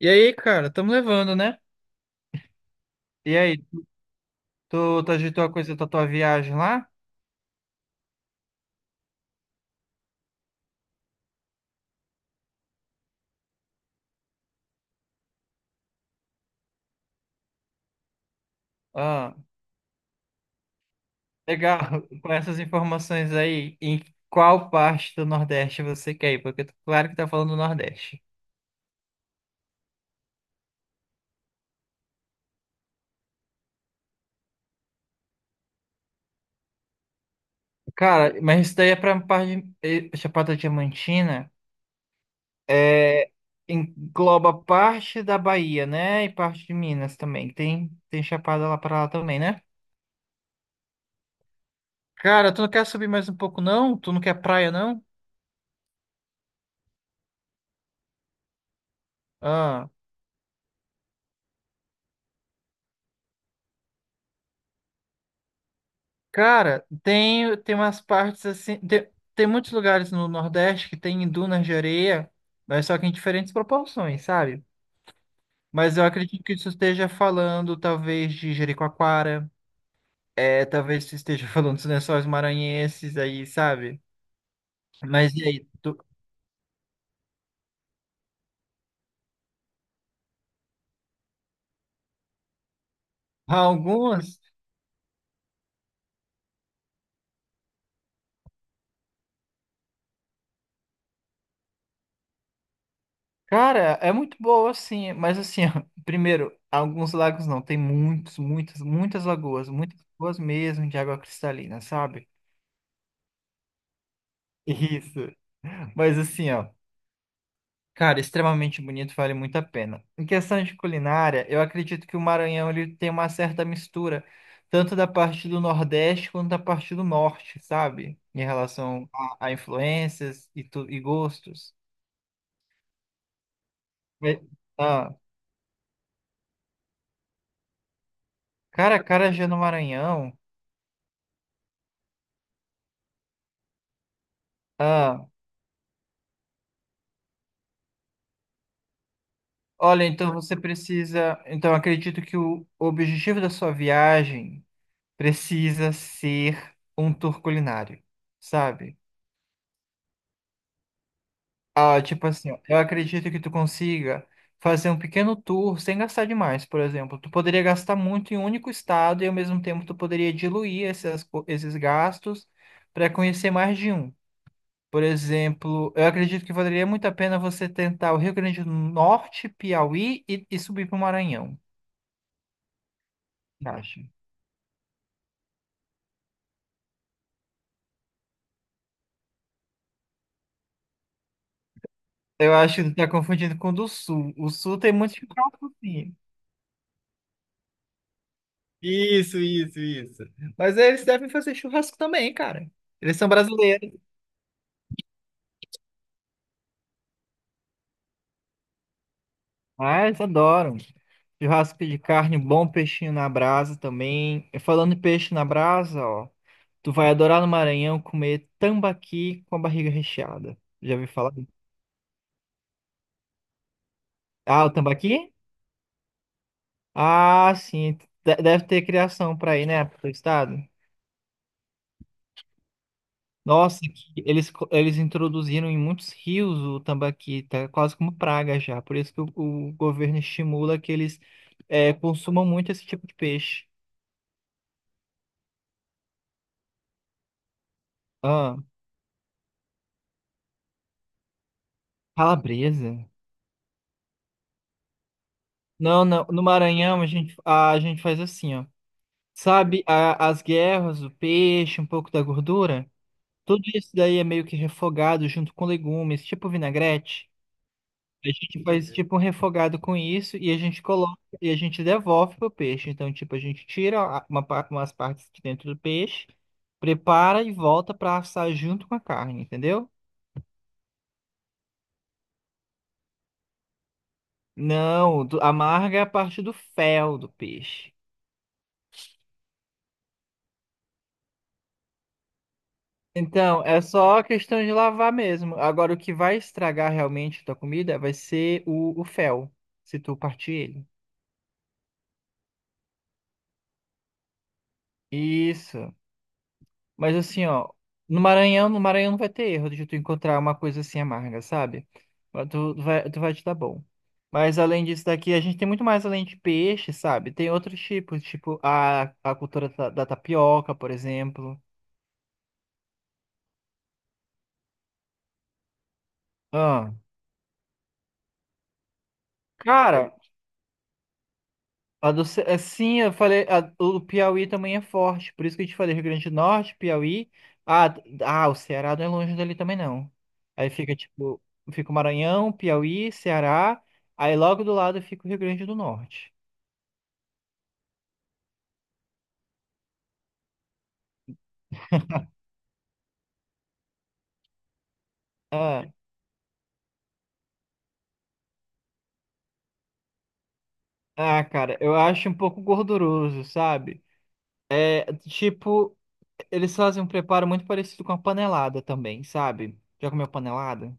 E aí, cara, estamos levando, né? E aí, tu agitou a coisa da tua viagem lá? Ah, legal. Com essas informações aí, em qual parte do Nordeste você quer ir? Porque claro que tá falando do Nordeste. Cara, mas isso daí é pra parte de Chapada Diamantina. É, engloba parte da Bahia, né? E parte de Minas também. Tem, tem Chapada lá pra lá também, né? Cara, tu não quer subir mais um pouco, não? Tu não quer praia, não? Ah. Cara, tem, tem umas partes assim. Tem, tem muitos lugares no Nordeste que tem dunas de areia, mas só que em diferentes proporções, sabe? Mas eu acredito que isso esteja falando, talvez, de Jericoacoara, é, talvez isso esteja falando dos Lençóis Maranhenses aí, sabe? Mas e aí? Algumas. Cara, é muito boa, assim, mas assim, ó, primeiro, alguns lagos não, tem muitos, muitas lagoas mesmo de água cristalina, sabe? Isso. Mas assim, ó. Cara, extremamente bonito, vale muito a pena. Em questão de culinária, eu acredito que o Maranhão ele tem uma certa mistura, tanto da parte do Nordeste quanto da parte do Norte, sabe? Em relação a influências e, e gostos. E- Ah, cara, acarajé no Maranhão. Ah, olha, então você precisa. Então, acredito que o objetivo da sua viagem precisa ser um tour culinário, sabe? Ah, tipo assim, eu acredito que tu consiga fazer um pequeno tour sem gastar demais, por exemplo. Tu poderia gastar muito em um único estado e ao mesmo tempo tu poderia diluir esses gastos para conhecer mais de um. Por exemplo, eu acredito que valeria muito a pena você tentar o Rio Grande do Norte, Piauí e subir para o Maranhão. Acho. Eu acho que tu tá confundindo com o do Sul. O Sul tem muito churrasco, sim. Isso, isso, isso. Mas eles devem fazer churrasco também, cara. Eles são brasileiros. Ah, eles adoram. Churrasco de carne, um bom peixinho na brasa também. E falando em peixe na brasa, ó, tu vai adorar no Maranhão comer tambaqui com a barriga recheada. Já ouviu falar? Ah, o tambaqui? Ah, sim. Deve ter criação para aí, né, pro teu estado? Nossa, que eles introduziram em muitos rios o tambaqui, tá quase como praga já. Por isso que o governo estimula que eles consumam muito esse tipo de peixe. Ah, calabresa. Não, não. No Maranhão a gente faz assim, ó. Sabe, as guerras, o peixe, um pouco da gordura? Tudo isso daí é meio que refogado junto com legumes, tipo vinagrete. A gente faz tipo um refogado com isso e a gente coloca e a gente devolve pro peixe. Então, tipo, a gente tira umas partes de dentro do peixe, prepara e volta para assar junto com a carne, entendeu? Não, a amarga é a parte do fel do peixe. Então, é só questão de lavar mesmo. Agora, o que vai estragar realmente tua comida vai ser o fel, se tu partir ele. Isso. Mas assim, ó, no Maranhão não vai ter erro de tu encontrar uma coisa assim amarga, sabe? Mas tu vai te dar bom. Mas além disso daqui, a gente tem muito mais além de peixe, sabe? Tem outros tipos, tipo a cultura da tapioca, por exemplo. Ah, cara, é, sim, eu falei, o Piauí também é forte, por isso que eu te falei, Rio Grande do Norte, Piauí. Ah, ah, o Ceará não é longe dali também não. Aí fica tipo, fica o Maranhão, Piauí, Ceará, aí logo do lado fica o Rio Grande do Norte. Ah, cara, eu acho um pouco gorduroso, sabe? É, tipo, eles fazem um preparo muito parecido com a panelada também, sabe? Já comeu panelada?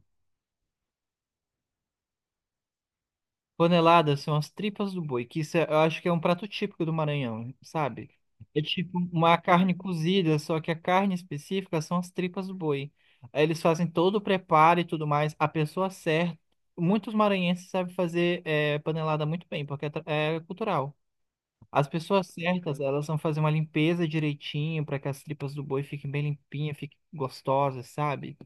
Paneladas são as tripas do boi, que eu acho que é um prato típico do Maranhão, sabe? É tipo uma carne cozida, só que a carne específica são as tripas do boi. Aí eles fazem todo o preparo e tudo mais. A pessoa certa. Muitos maranhenses sabem fazer panelada muito bem, porque é cultural. As pessoas certas, elas vão fazer uma limpeza direitinho para que as tripas do boi fiquem bem limpinhas, fiquem gostosas, sabe?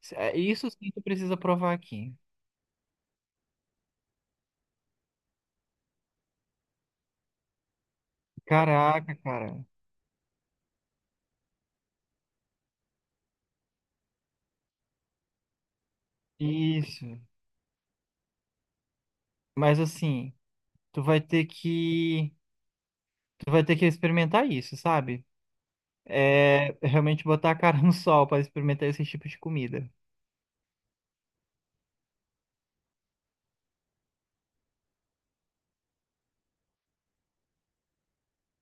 Isso sim tu precisa provar aqui. Caraca, cara. Isso. Mas assim, tu vai ter que, tu vai ter que experimentar isso, sabe? É realmente botar a cara no sol para experimentar esse tipo de comida.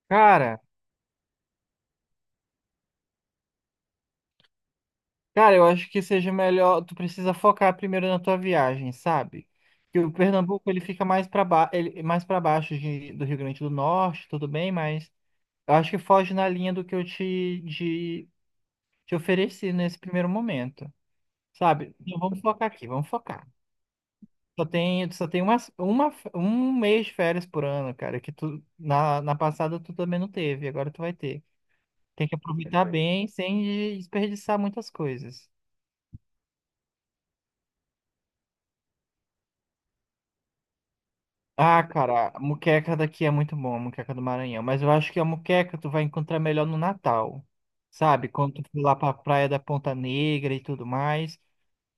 Cara, cara, eu acho que seja melhor, tu precisa focar primeiro na tua viagem, sabe? Que o Pernambuco ele fica mais para ba... ele mais para baixo do Rio Grande do Norte, tudo bem, mas eu acho que foge na linha do que eu te de... te ofereci nesse primeiro momento, sabe? Então vamos focar aqui, vamos focar. Só tem um mês de férias por ano, cara, que na passada tu também não teve, agora tu vai ter. Tem que aproveitar bem sem desperdiçar muitas coisas. Ah, cara, a moqueca daqui é muito bom, a moqueca do Maranhão, mas eu acho que a moqueca tu vai encontrar melhor no Natal, sabe? Quando tu for lá pra Praia da Ponta Negra e tudo mais,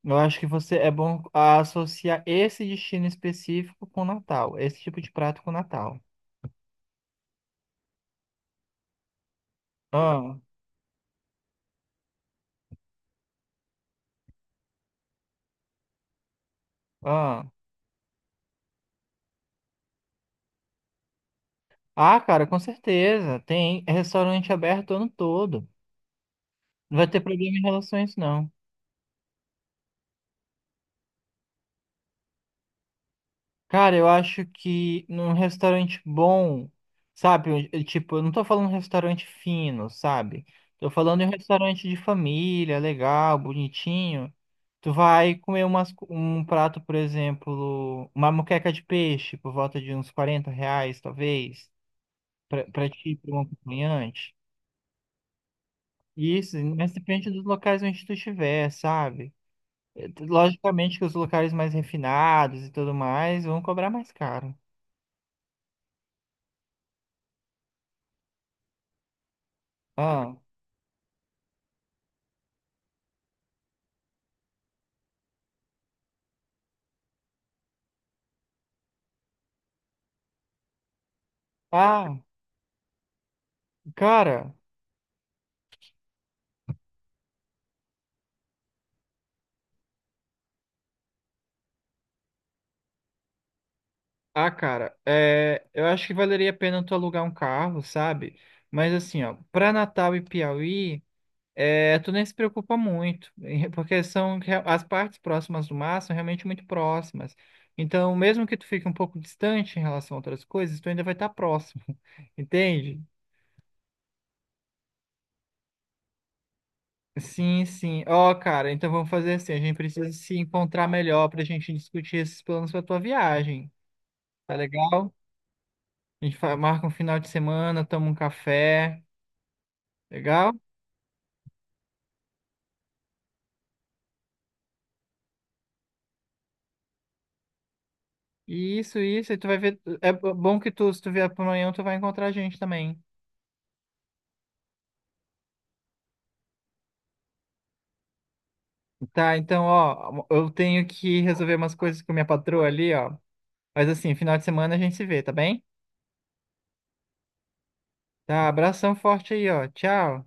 eu acho que você é bom associar esse destino específico com o Natal, esse tipo de prato com o Natal. Ah, ah. Ah, cara, com certeza. Tem restaurante aberto o ano todo. Não vai ter problema em relação a isso, não. Cara, eu acho que num restaurante bom, sabe? Tipo, eu não tô falando restaurante fino, sabe? Tô falando em um restaurante de família, legal, bonitinho. Tu vai comer um prato, por exemplo, uma moqueca de peixe por volta de uns R$ 40, talvez, pra ti, pra um acompanhante. Isso, mas depende dos locais onde tu estiver, sabe? Logicamente que os locais mais refinados e tudo mais vão cobrar mais caro. Ah, ah, cara, cara, é, eu acho que valeria a pena tu alugar um carro, sabe? Mas assim, ó, pra Natal e Piauí, é, tu nem se preocupa muito, porque são as partes próximas do mar são realmente muito próximas. Então, mesmo que tu fique um pouco distante em relação a outras coisas, tu ainda vai estar próximo, entende? Sim, sim. Ó, cara, então vamos fazer assim. A gente precisa se encontrar melhor pra gente discutir esses planos pra tua viagem. Tá legal? Marca um final de semana, toma um café. Legal? Isso, isso. E tu vai ver. Bom que se tu vier pro Maranhão, tu vai encontrar a gente também. Tá, então, ó, eu tenho que resolver umas coisas com minha patroa ali, ó. Mas assim, final de semana a gente se vê, tá bem? Tá, abração forte aí, ó. Tchau.